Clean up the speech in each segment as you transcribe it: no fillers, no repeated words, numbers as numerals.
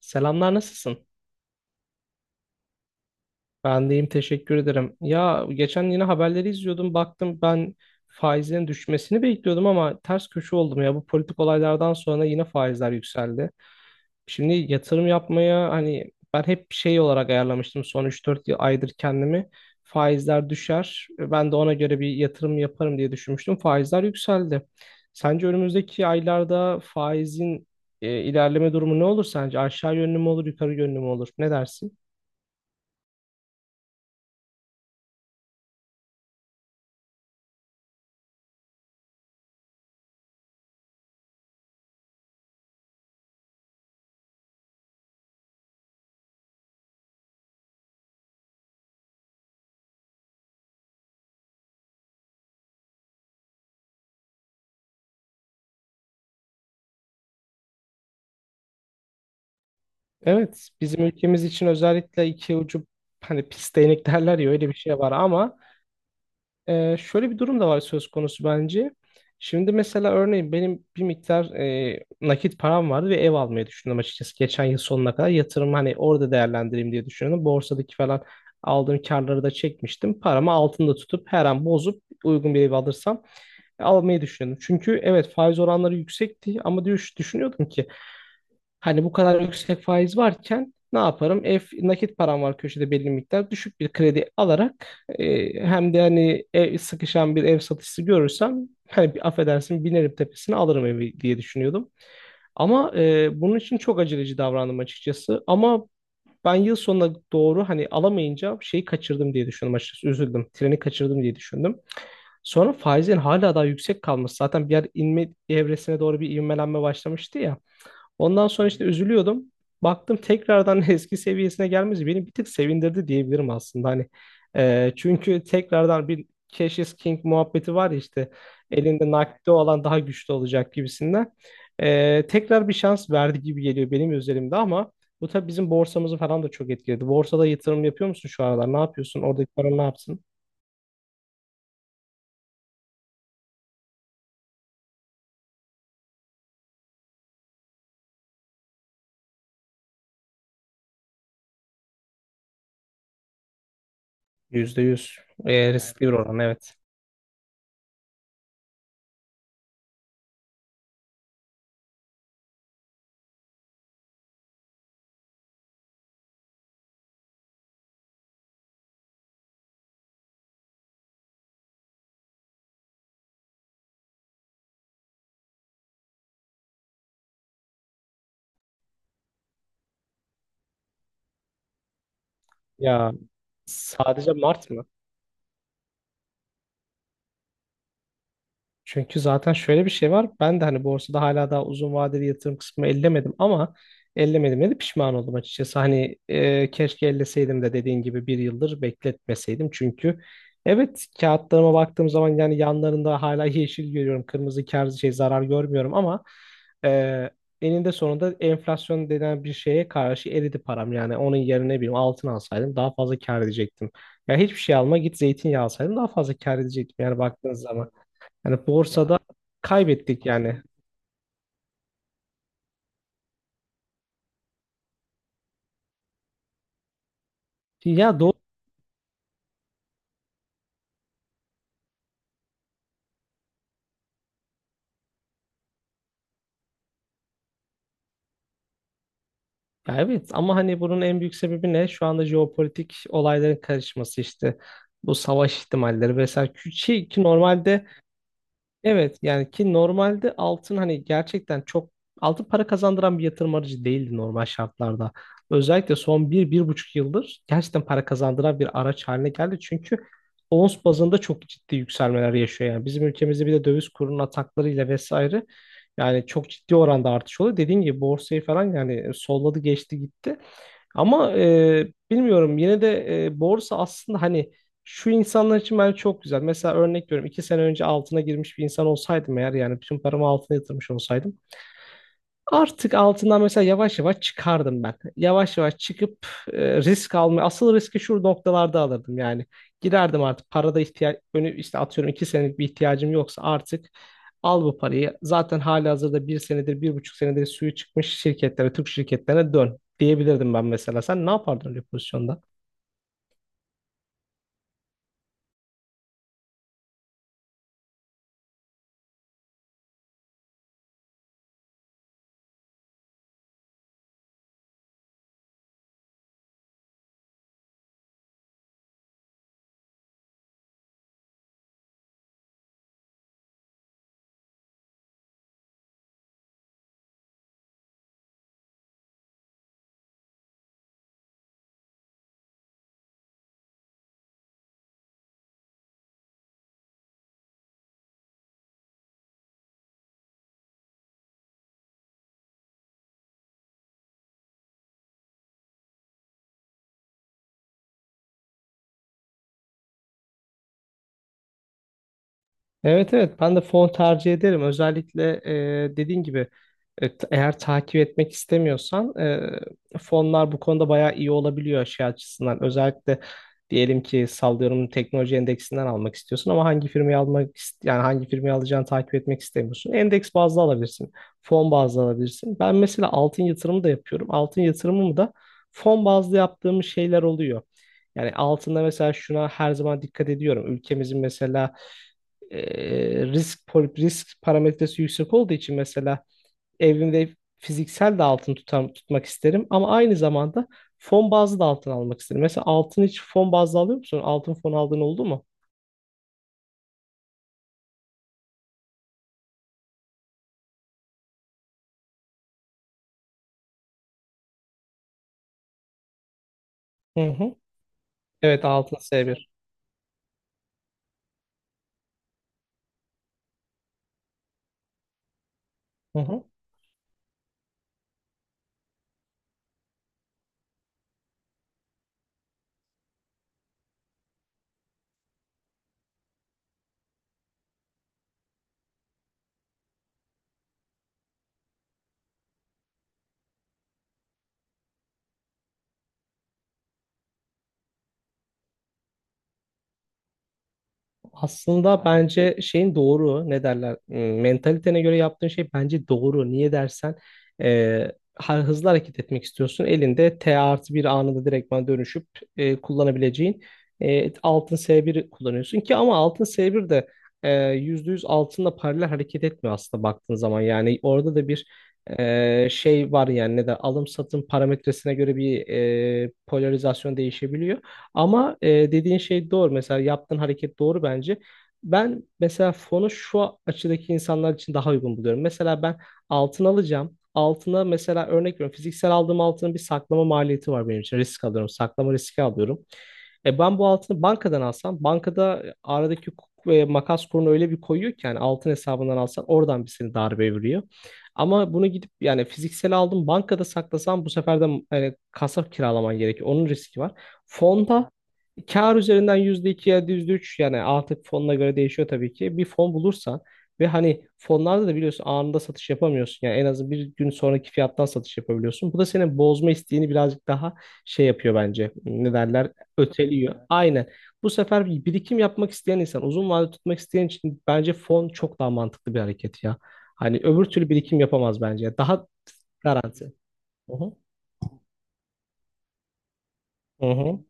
Selamlar, nasılsın? Ben deyim, teşekkür ederim. Ya geçen yine haberleri izliyordum, baktım ben faizlerin düşmesini bekliyordum ama ters köşe oldum ya. Bu politik olaylardan sonra yine faizler yükseldi. Şimdi yatırım yapmaya hani ben hep şey olarak ayarlamıştım son üç dört aydır kendimi. Faizler düşer ben de ona göre bir yatırım yaparım diye düşünmüştüm. Faizler yükseldi. Sence önümüzdeki aylarda faizin ilerleme durumu ne olur sence? Aşağı yönlü mü olur, yukarı yönlü mü olur? Ne dersin? Evet, bizim ülkemiz için özellikle iki ucu hani pis değnek derler ya, öyle bir şey var ama şöyle bir durum da var söz konusu bence. Şimdi mesela örneğin benim bir miktar nakit param vardı ve ev almayı düşündüm açıkçası. Geçen yıl sonuna kadar yatırım hani orada değerlendireyim diye düşünüyordum. Borsadaki falan aldığım karları da çekmiştim. Paramı altında tutup her an bozup uygun bir ev alırsam almayı düşünüyordum. Çünkü evet, faiz oranları yüksekti ama düşünüyordum ki hani bu kadar yüksek faiz varken ne yaparım? Ev nakit param var köşede belli miktar. Düşük bir kredi alarak hem de hani ev, sıkışan bir ev satışı görürsem hani bir, affedersin, binerim tepesine alırım evi diye düşünüyordum. Ama bunun için çok aceleci davrandım açıkçası. Ama ben yıl sonuna doğru hani alamayınca şeyi kaçırdım diye düşündüm açıkçası. Üzüldüm. Treni kaçırdım diye düşündüm. Sonra faizin hala daha yüksek kalması. Zaten bir yer inme evresine doğru bir ivmelenme başlamıştı ya. Ondan sonra işte üzülüyordum. Baktım tekrardan eski seviyesine gelmesi beni bir tık sevindirdi diyebilirim aslında. Hani çünkü tekrardan bir Cash is King muhabbeti var ya işte, elinde nakdi olan daha güçlü olacak gibisinden. Tekrar bir şans verdi gibi geliyor benim üzerimde ama bu tabii bizim borsamızı falan da çok etkiledi. Borsada yatırım yapıyor musun şu aralar? Ne yapıyorsun? Oradaki paran ne yapsın? %100? Riskli bir oran, evet. Ya sadece Mart mı? Çünkü zaten şöyle bir şey var. Ben de hani borsada hala daha uzun vadeli yatırım kısmı ellemedim ama ellemedim de pişman oldum açıkçası. Hani keşke elleseydim de dediğin gibi bir yıldır bekletmeseydim. Çünkü evet, kağıtlarıma baktığım zaman yani yanlarında hala yeşil görüyorum. Kırmızı kar şey zarar görmüyorum ama e, eninde sonunda enflasyon denen bir şeye karşı eridi param. Yani onun yerine ne bileyim altın alsaydım daha fazla kar edecektim. Ya hiçbir şey alma, git zeytinyağı alsaydım daha fazla kar edecektim yani baktığınız zaman. Yani borsada kaybettik yani. Ya, doğru. Ya evet ama hani bunun en büyük sebebi ne? Şu anda jeopolitik olayların karışması işte. Bu savaş ihtimalleri vesaire. Ki normalde, evet yani ki normalde altın hani gerçekten çok altın para kazandıran bir yatırım aracı değildi normal şartlarda. Özellikle son bir, bir buçuk yıldır gerçekten para kazandıran bir araç haline geldi. Çünkü ons bazında çok ciddi yükselmeler yaşıyor yani. Bizim ülkemizde bir de döviz kurunun ataklarıyla vesaire, yani çok ciddi oranda artış oluyor. Dediğim gibi borsayı falan yani solladı, geçti gitti. Ama bilmiyorum, yine de borsa aslında hani şu insanlar için bence çok güzel. Mesela örnek veriyorum, 2 sene önce altına girmiş bir insan olsaydım eğer, yani bütün paramı altına yatırmış olsaydım. Artık altından mesela yavaş yavaş çıkardım ben. Yavaş yavaş çıkıp risk almaya, asıl riski şu noktalarda alırdım yani. Girerdim artık, parada ihtiyaç önü işte atıyorum, 2 senelik bir ihtiyacım yoksa artık al bu parayı. Zaten halihazırda bir senedir, bir buçuk senedir suyu çıkmış şirketlere, Türk şirketlerine dön diyebilirdim ben mesela. Sen ne yapardın öyle bir pozisyonda? Evet, evet, ben de fon tercih ederim. Özellikle dediğin gibi, eğer takip etmek istemiyorsan fonlar bu konuda bayağı iyi olabiliyor şey açısından. Özellikle diyelim ki sallıyorum teknoloji endeksinden almak istiyorsun ama hangi firmayı almak yani hangi firmayı alacağını takip etmek istemiyorsun. Endeks bazlı alabilirsin. Fon bazlı alabilirsin. Ben mesela altın yatırımı da yapıyorum. Altın yatırımımı da fon bazlı yaptığım şeyler oluyor. Yani altında mesela şuna her zaman dikkat ediyorum. Ülkemizin mesela risk parametresi yüksek olduğu için mesela evimde fiziksel de altın tutmak isterim ama aynı zamanda fon bazlı da altın almak isterim. Mesela altın hiç fon bazlı alıyor musun? Altın fon aldığın oldu mu? Hı hı. Evet, altın S1. Hı hı. Aslında bence şeyin doğru, ne derler, mentalitene göre yaptığın şey bence doğru. Niye dersen hızlı hareket etmek istiyorsun. Elinde T artı bir anında direktman dönüşüp kullanabileceğin altın S1 kullanıyorsun ki ama altın S1 de %100 altınla paralel hareket etmiyor aslında baktığın zaman. Yani orada da bir şey var yani, ne der, alım satım parametresine göre bir polarizasyon değişebiliyor. Ama dediğin şey doğru. Mesela yaptığın hareket doğru bence. Ben mesela fonu şu açıdaki insanlar için daha uygun buluyorum. Mesela ben altın alacağım. Altına mesela örnek veriyorum. Fiziksel aldığım altının bir saklama maliyeti var benim için. Risk alıyorum. Saklama riski alıyorum. E ben bu altını bankadan alsam, bankada aradaki hukuk ve makas kurunu öyle bir koyuyor ki yani altın hesabından alsan oradan bir seni darbe vuruyor. Ama bunu gidip yani fiziksel aldım bankada saklasam bu sefer de yani kasa kiralaman gerekiyor. Onun riski var. Fonda kar üzerinden %2 ya da yüzde üç, yani artık fonuna göre değişiyor tabii ki. Bir fon bulursan ve hani fonlarda da biliyorsun anında satış yapamıyorsun. Yani en azı bir gün sonraki fiyattan satış yapabiliyorsun. Bu da senin bozma isteğini birazcık daha şey yapıyor bence. Ne derler? Öteliyor. Aynen. Bu sefer bir birikim yapmak isteyen insan, uzun vadede tutmak isteyen için bence fon çok daha mantıklı bir hareket ya. Hani öbür türlü birikim yapamaz bence. Daha garanti. Hı hı. Hı hı.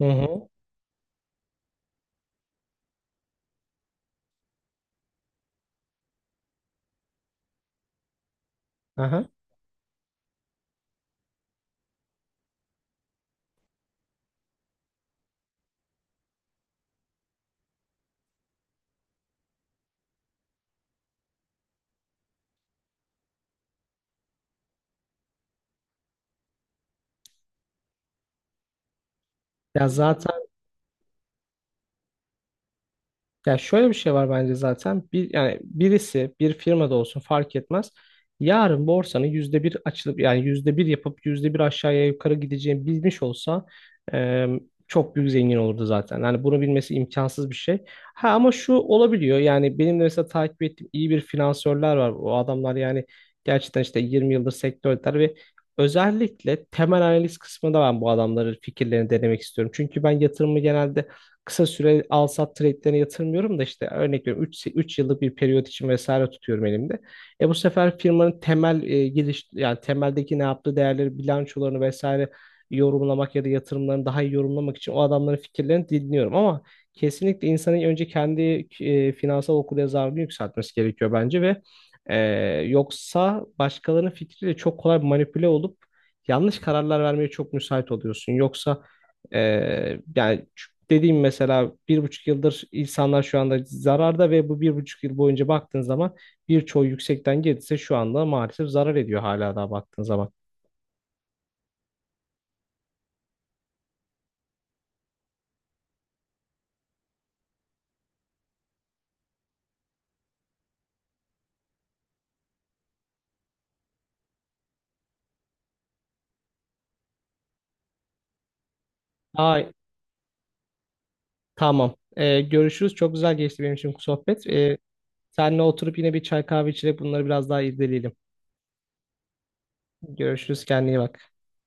Hı hı. Aha. Ya zaten, ya şöyle bir şey var bence zaten. Bir, yani birisi bir firmada olsun fark etmez. Yarın borsanın yüzde bir açılıp yani yüzde bir yapıp yüzde bir aşağıya yukarı gideceğini bilmiş olsa e, çok büyük zengin olurdu zaten. Yani bunu bilmesi imkansız bir şey. Ha ama şu olabiliyor, yani benim de mesela takip ettiğim iyi bir finansörler var. O adamlar yani gerçekten işte 20 yıldır sektördeler ve özellikle temel analiz kısmında ben bu adamların fikirlerini denemek istiyorum. Çünkü ben yatırımı genelde kısa süre al sat trade'lerine yatırmıyorum da işte örnek veriyorum 3 yıllık bir periyot için vesaire tutuyorum elimde. E bu sefer firmanın temel giriş yani temeldeki ne yaptığı değerleri, bilançolarını vesaire yorumlamak ya da yatırımlarını daha iyi yorumlamak için o adamların fikirlerini dinliyorum ama kesinlikle insanın önce kendi finansal okuryazarlığını yükseltmesi gerekiyor bence ve e, yoksa başkalarının fikriyle çok kolay manipüle olup yanlış kararlar vermeye çok müsait oluyorsun. Yoksa e, yani dediğim mesela bir buçuk yıldır insanlar şu anda zararda ve bu bir buçuk yıl boyunca baktığın zaman birçoğu yüksekten gelirse şu anda maalesef zarar ediyor hala daha baktığın zaman. Ay, tamam. Görüşürüz. Çok güzel geçti benim için bu sohbet. Seninle oturup yine bir çay kahve içerek bunları biraz daha irdeleyelim. Görüşürüz. Kendine iyi bak.